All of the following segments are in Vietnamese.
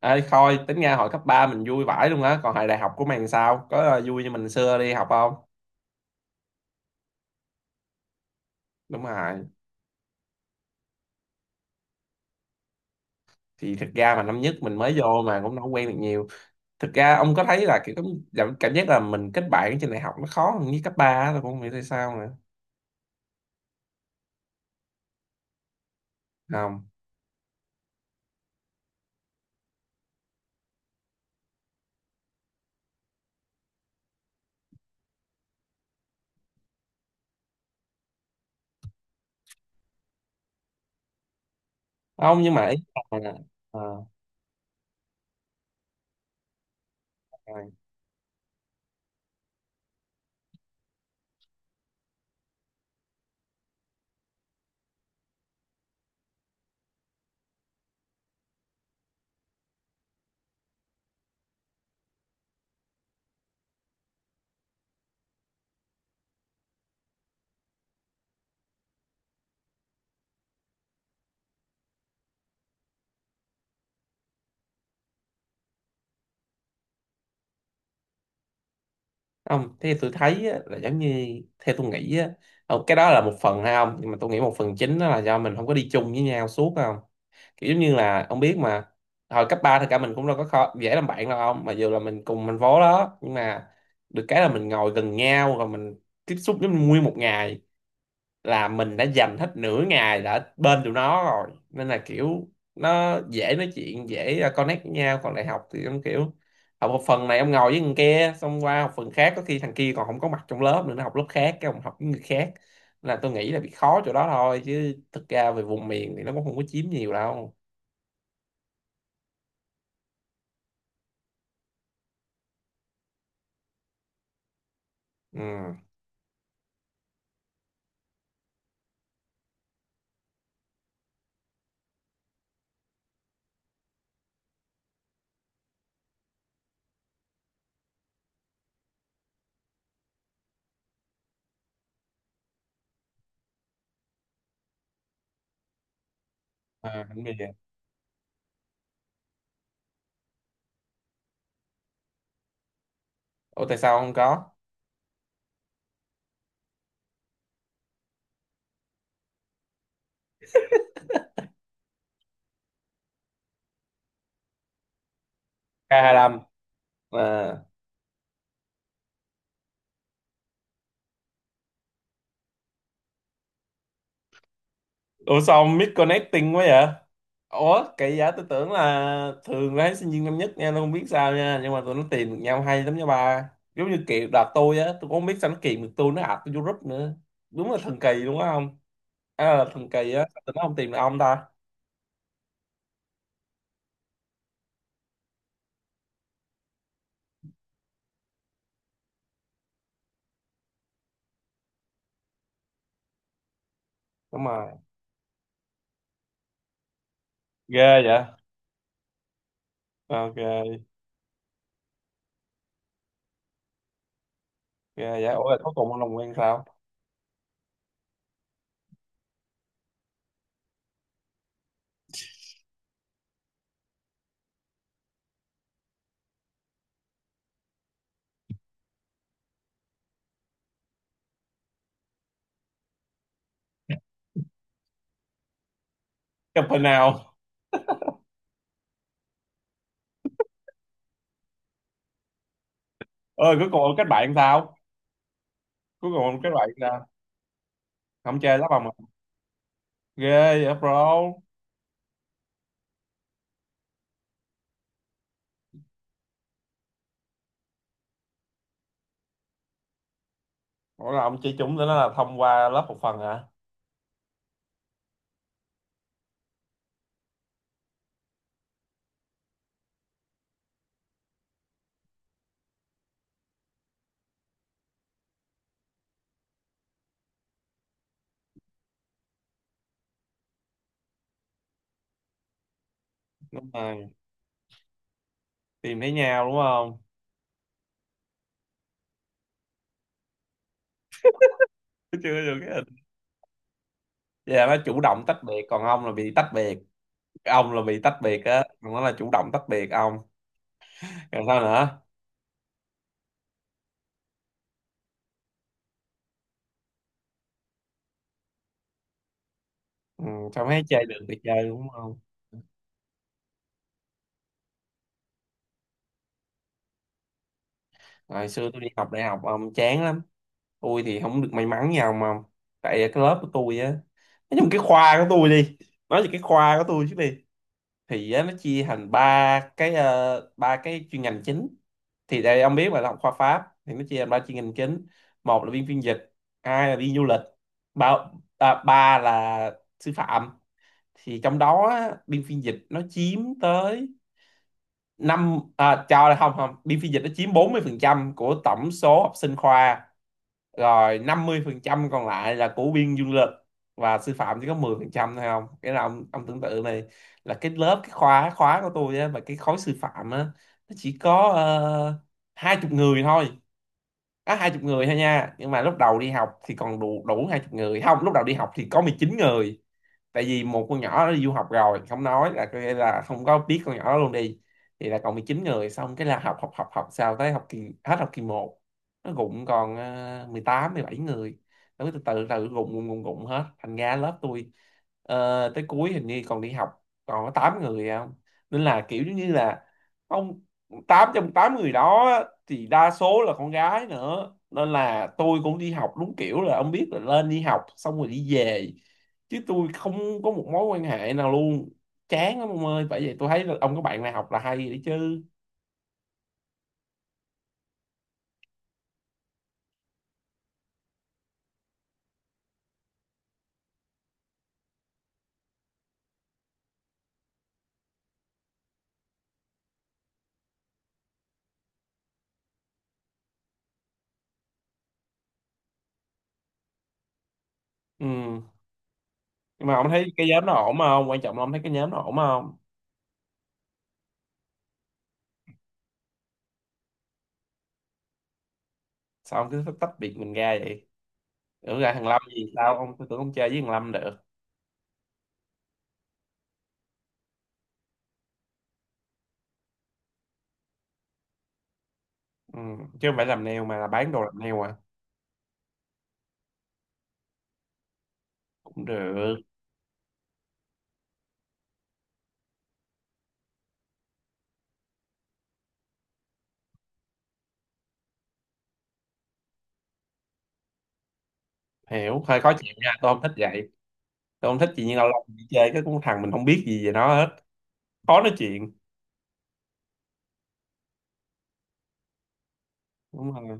Ê, thôi tính ra hồi cấp 3 mình vui vãi luôn á. Còn hồi đại học của mày làm sao có vui như mình xưa đi học không? Đúng rồi. Thì thực ra mà năm nhất mình mới vô mà cũng đâu có quen được nhiều. Thực ra ông có thấy là kiểu cảm, cảm giác là mình kết bạn trên đại học nó khó hơn với cấp 3 á? Tôi cũng không hiểu tại sao nữa. Không không nhưng mà ý là ờ, rồi. Không, thế tôi thấy á, là giống như theo tôi nghĩ á, cái đó là một phần hay không, nhưng mà tôi nghĩ một phần chính đó là do mình không có đi chung với nhau suốt không? Kiểu giống như là ông biết mà, hồi cấp 3 thì cả mình cũng đâu có khó, dễ làm bạn đâu ông, mà dù là mình cùng thành phố đó, nhưng mà được cái là mình ngồi gần nhau rồi mình tiếp xúc với nguyên một ngày, là mình đã dành hết nửa ngày đã bên tụi nó rồi, nên là kiểu nó dễ nói chuyện, dễ connect với nhau. Còn đại học thì ông kiểu học một phần này ông ngồi với người kia, xong qua học phần khác có khi thằng kia còn không có mặt trong lớp nữa, nó học lớp khác cái ông học với người khác. Là tôi nghĩ là bị khó chỗ đó thôi, chứ thực ra về vùng miền thì nó cũng không có chiếm nhiều đâu. Ừ. À, bánh bì. Ủa tại sao không có? K25. À. Ủa sao ông misconnecting quá vậy? Ủa kỳ vậy, tôi tưởng là thường là sinh viên năm nhất nha, tôi không biết sao nha, nhưng mà tụi nó tìm được nhau hay lắm nha ba. Giống như kiểu đợt tôi á, tôi cũng không biết sao nó kìm được tôi, nó ạt tôi vô group nữa. Đúng là thần kỳ luôn á không? À, là thần kỳ á, sao tụi nó không tìm được ông ta? Đúng rồi. Ghê vậy? Ok, ghê vậy. Ủa rồi cuối cùng ông làm quen sao? Gặp hồi nào? Ơi cuối cùng ông kết bạn sao? Cuối cùng ông kết bạn sao? Không chơi lắm ông, ghê vậy bro. Ủa là ông chỉ chúng tới nó là thông qua lớp học phần hả? Đúng rồi, tìm thấy nhau đúng không? Chưa được cái hình. Vậy là nó chủ động tách biệt còn ông là bị tách biệt, ông là bị tách biệt á còn nó là chủ động tách biệt ông. Còn sao nữa? Ừ, sao mấy chơi được thì chơi đúng không? Hồi xưa tôi đi học đại học ông chán lắm, tôi thì không được may mắn nhau mà. Tại cái lớp của tôi á, nói chung cái khoa của tôi đi, nói về cái khoa của tôi chứ đi, thì á, nó chia thành ba cái, ba cái chuyên ngành chính. Thì đây ông biết mà là học khoa Pháp thì nó chia thành ba chuyên ngành chính: một là viên phiên dịch, hai là viên du lịch, ba ba là sư phạm. Thì trong đó á, biên phiên dịch nó chiếm tới năm cho không không, biên phiên dịch nó chiếm 40% của tổng số học sinh khoa, rồi 50% còn lại là của biên dương lực, và sư phạm chỉ có 10% thôi. Không cái là ông tưởng tượng này, là cái lớp cái khóa khóa của tôi á và cái khối sư phạm á, nó chỉ có hai chục người thôi á, hai chục người thôi nha. Nhưng mà lúc đầu đi học thì còn đủ đủ hai chục người. Không, lúc đầu đi học thì có 19 người, tại vì một con nhỏ nó đi du học rồi. Không nói là có nghĩa là không có biết con nhỏ đó luôn đi. Thì là còn mười chín người, xong cái là học học học học sao tới học kỳ, hết học kỳ một nó gụng còn mười tám mười bảy người, nó cứ từ từ từ gụng gụng gụng gụng hết. Thành ra lớp tôi tới cuối hình như còn đi học còn có 8 người à không. Nên là kiểu giống như là ông, 8 trong 8 người đó thì đa số là con gái nữa, nên là tôi cũng đi học đúng kiểu là ông biết là lên đi học xong rồi đi về, chứ tôi không có một mối quan hệ nào luôn. Chán lắm ông ơi, bởi vậy tôi thấy là ông có bạn này học là hay đấy chứ. Ừ. Nhưng mà ông thấy cái nhóm nó ổn không, quan trọng là ông thấy cái nhóm nó ổn không? Sao ông cứ thích tách biệt mình ra vậy? Tưởng ra thằng Lâm gì, sao ông, tôi tưởng ông chơi với thằng Lâm được. Ừ. Chứ không phải làm nail mà là bán đồ làm nail à? Cũng được. Hiểu, hơi khó chịu nha, tôi không thích vậy. Tôi không thích gì nhưng lâu lâu đi chơi cái con thằng mình không biết gì về nó hết, khó nói chuyện. Đúng rồi.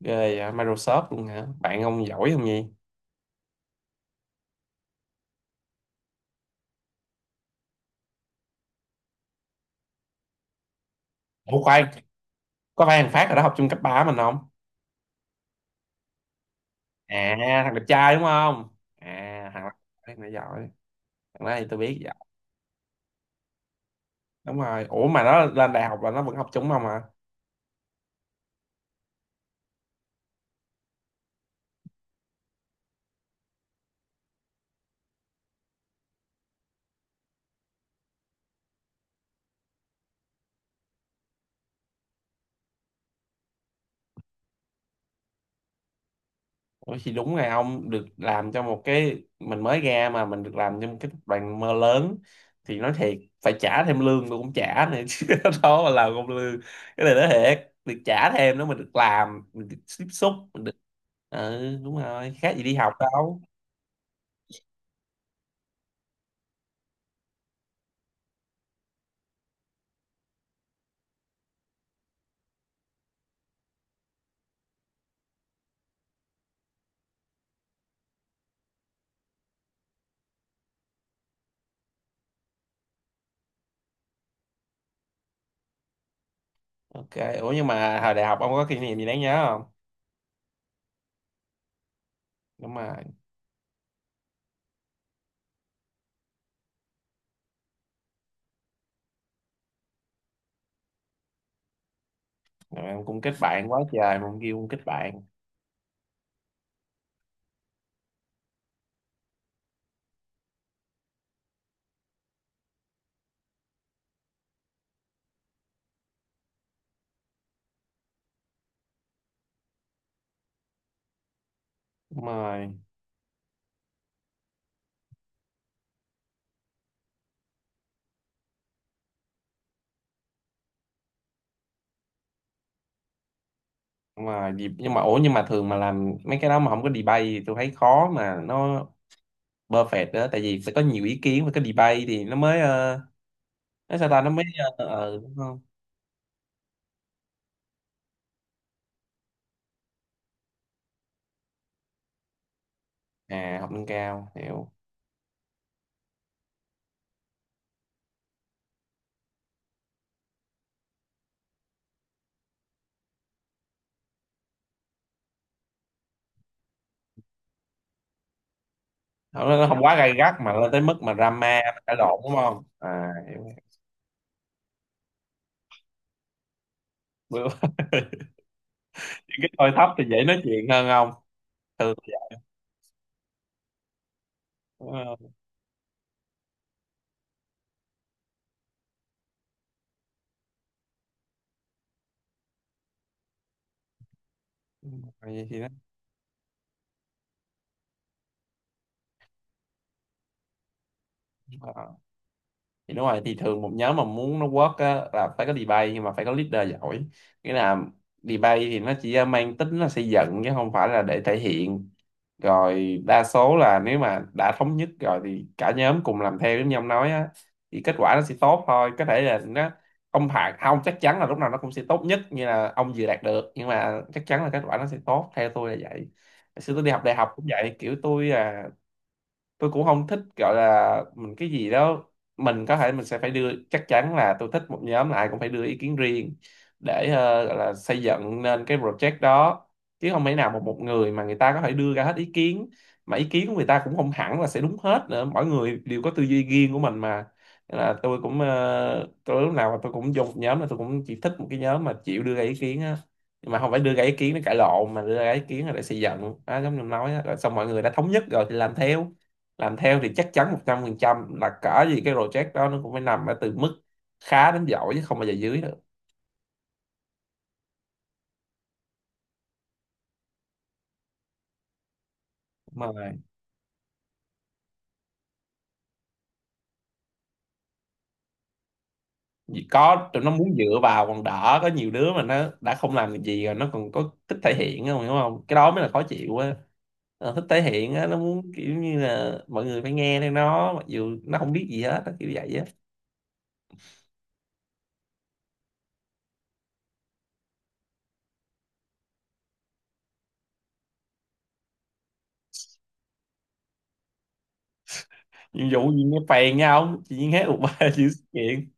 Ghê vậy, Microsoft luôn hả, bạn ông giỏi không nhỉ? Ủa khoan, có phải thằng Phát ở đó học chung cấp ba mình không? À thằng đẹp trai đúng không, à thằng đó, thằng đó giỏi, thằng đó thì tôi biết giỏi. Đúng rồi, ủa mà nó lên đại học là nó vẫn học chung không hả? Ủa thì đúng ngày ông được làm cho một cái, mình mới ra mà mình được làm cho một cái tập đoàn mơ lớn, thì nói thiệt phải trả thêm lương tôi cũng trả này chứ. Đó mà làm không lương, cái này nói thiệt được trả thêm nữa, mình được làm mình được tiếp xúc mình được. Ừ đúng rồi, khác gì đi học đâu. Ok, ủa nhưng mà hồi đại học ông có kỷ niệm gì đáng nhớ không? Đúng rồi. Rồi em cũng kết bạn quá trời mà kêu cũng kết bạn. Đúng rồi. Nhưng mà dịp, nhưng mà ủa nhưng mà thường mà làm mấy cái đó mà không có debate thì tôi thấy khó mà nó perfect đó, tại vì sẽ có nhiều ý kiến và cái debate thì nó mới nó sao ta, nó mới đúng không? À, học nâng cao, hiểu. Không, nó không quá gay gắt mà lên tới mức mà drama, cãi lộn đúng không, à hiểu. Bữa- những cái tôi thấp thì dễ nói chuyện hơn không, thường thì- vậy. Đúng không? Vậy thì nó, thì đúng rồi, thì thường một nhóm mà muốn nó work á, là phải có debate, nhưng mà phải có leader giỏi. Nghĩa là debate thì nó chỉ mang tính là xây dựng chứ không phải là để thể hiện. Rồi đa số là nếu mà đã thống nhất rồi thì cả nhóm cùng làm theo giống như ông nói á, thì kết quả nó sẽ tốt thôi. Có thể là nó không phải, không chắc chắn là lúc nào nó cũng sẽ tốt nhất như là ông vừa đạt được, nhưng mà chắc chắn là kết quả nó sẽ tốt, theo tôi là vậy. Hồi xưa tôi đi học đại học cũng vậy, kiểu tôi tôi cũng không thích gọi là mình cái gì đó. Mình có thể mình sẽ phải đưa, chắc chắn là tôi thích một nhóm là ai cũng phải đưa ý kiến riêng để gọi là xây dựng nên cái project đó, chứ không thể nào một, một người mà người ta có thể đưa ra hết ý kiến, mà ý kiến của người ta cũng không hẳn là sẽ đúng hết nữa, mỗi người đều có tư duy riêng của mình mà. Nên là tôi cũng tôi lúc nào mà tôi cũng dùng nhóm là tôi cũng chỉ thích một cái nhóm mà chịu đưa ra ý kiến á, nhưng mà không phải đưa ra ý kiến để cãi lộn mà đưa ra ý kiến là để xây dựng đó, giống như em nói á. Rồi xong mọi người đã thống nhất rồi thì làm theo, làm theo thì chắc chắn 100% là cỡ gì cái project đó nó cũng phải nằm ở từ mức khá đến giỏi, chứ không bao giờ dưới được. Mà vì có tụi nó muốn dựa vào còn đỡ, có nhiều đứa mà nó đã không làm được gì rồi nó còn có thích thể hiện không, hiểu không, cái đó mới là khó chịu á. Ờ, thích thể hiện á, nó muốn kiểu như là mọi người phải nghe theo nó mặc dù nó không biết gì hết á, kiểu vậy á. Nhiệm vụ gì nghe phèn, nhau chị nghe hết một ba chữ sự kiện.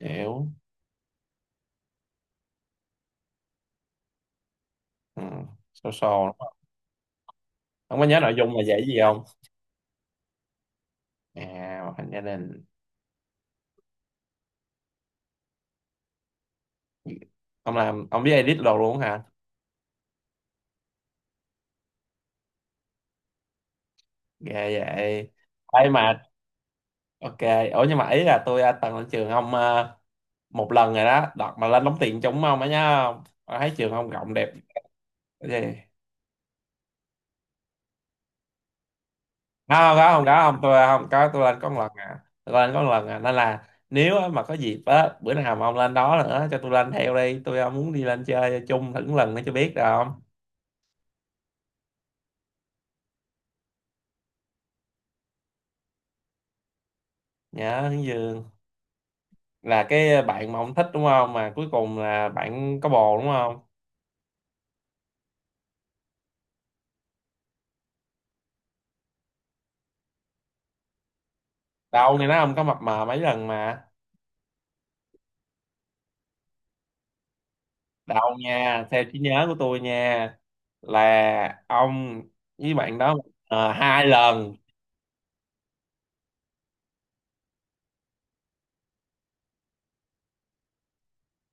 Hiểu. Ừ. So so lắm. Không, không có nhớ nội dung là dạy gì không? À hoạt hình gia đình. Ông làm, ông biết edit đồ luôn hả? Ghê vậy. Ấy mà ok. Ủa nhưng mà ý là tôi từng lên trường ông một lần rồi đó, đợt mà lên đóng tiền chúng ông á nhá. Tôi thấy trường ông rộng đẹp. Cái gì? Không có, không có, không tôi không có, tôi lên có một lần à, tôi lên có một lần à, nên là nếu á, mà có dịp á bữa nào mà ông lên đó nữa cho tôi lên theo đi, tôi muốn đi lên chơi chung thử lần nữa cho biết rồi không. Nhớ hướng dương, là cái bạn mà ông thích đúng không, mà cuối cùng là bạn có bồ đúng không? Đâu nghe nói ông có mập mờ mấy lần mà. Đâu nha, theo trí nhớ của tôi nha, là ông với bạn đó hai lần.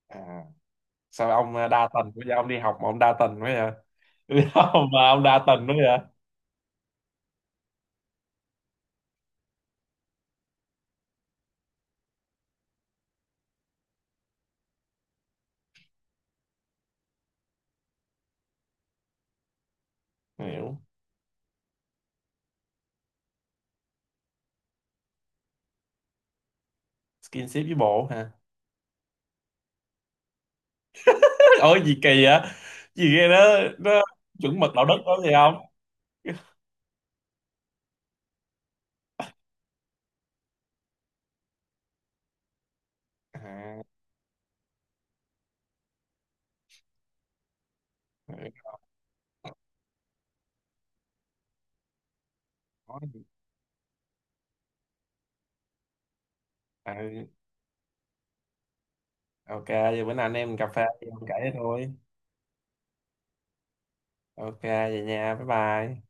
À, sao ông đa tình, bây giờ ông đi học mà ông đa tình quá vậy. Bây giờ mà ông đa tình quá vậy. Hiểu, skinship với bộ hả? Ủa gì kỳ vậy, gì ghê đó. Nó chuẩn mực đạo đức đó gì không? À, có gì. À, ok vậy bữa nào anh em mình cà phê thì ông kể cho tôi. Ok vậy nha bye bye.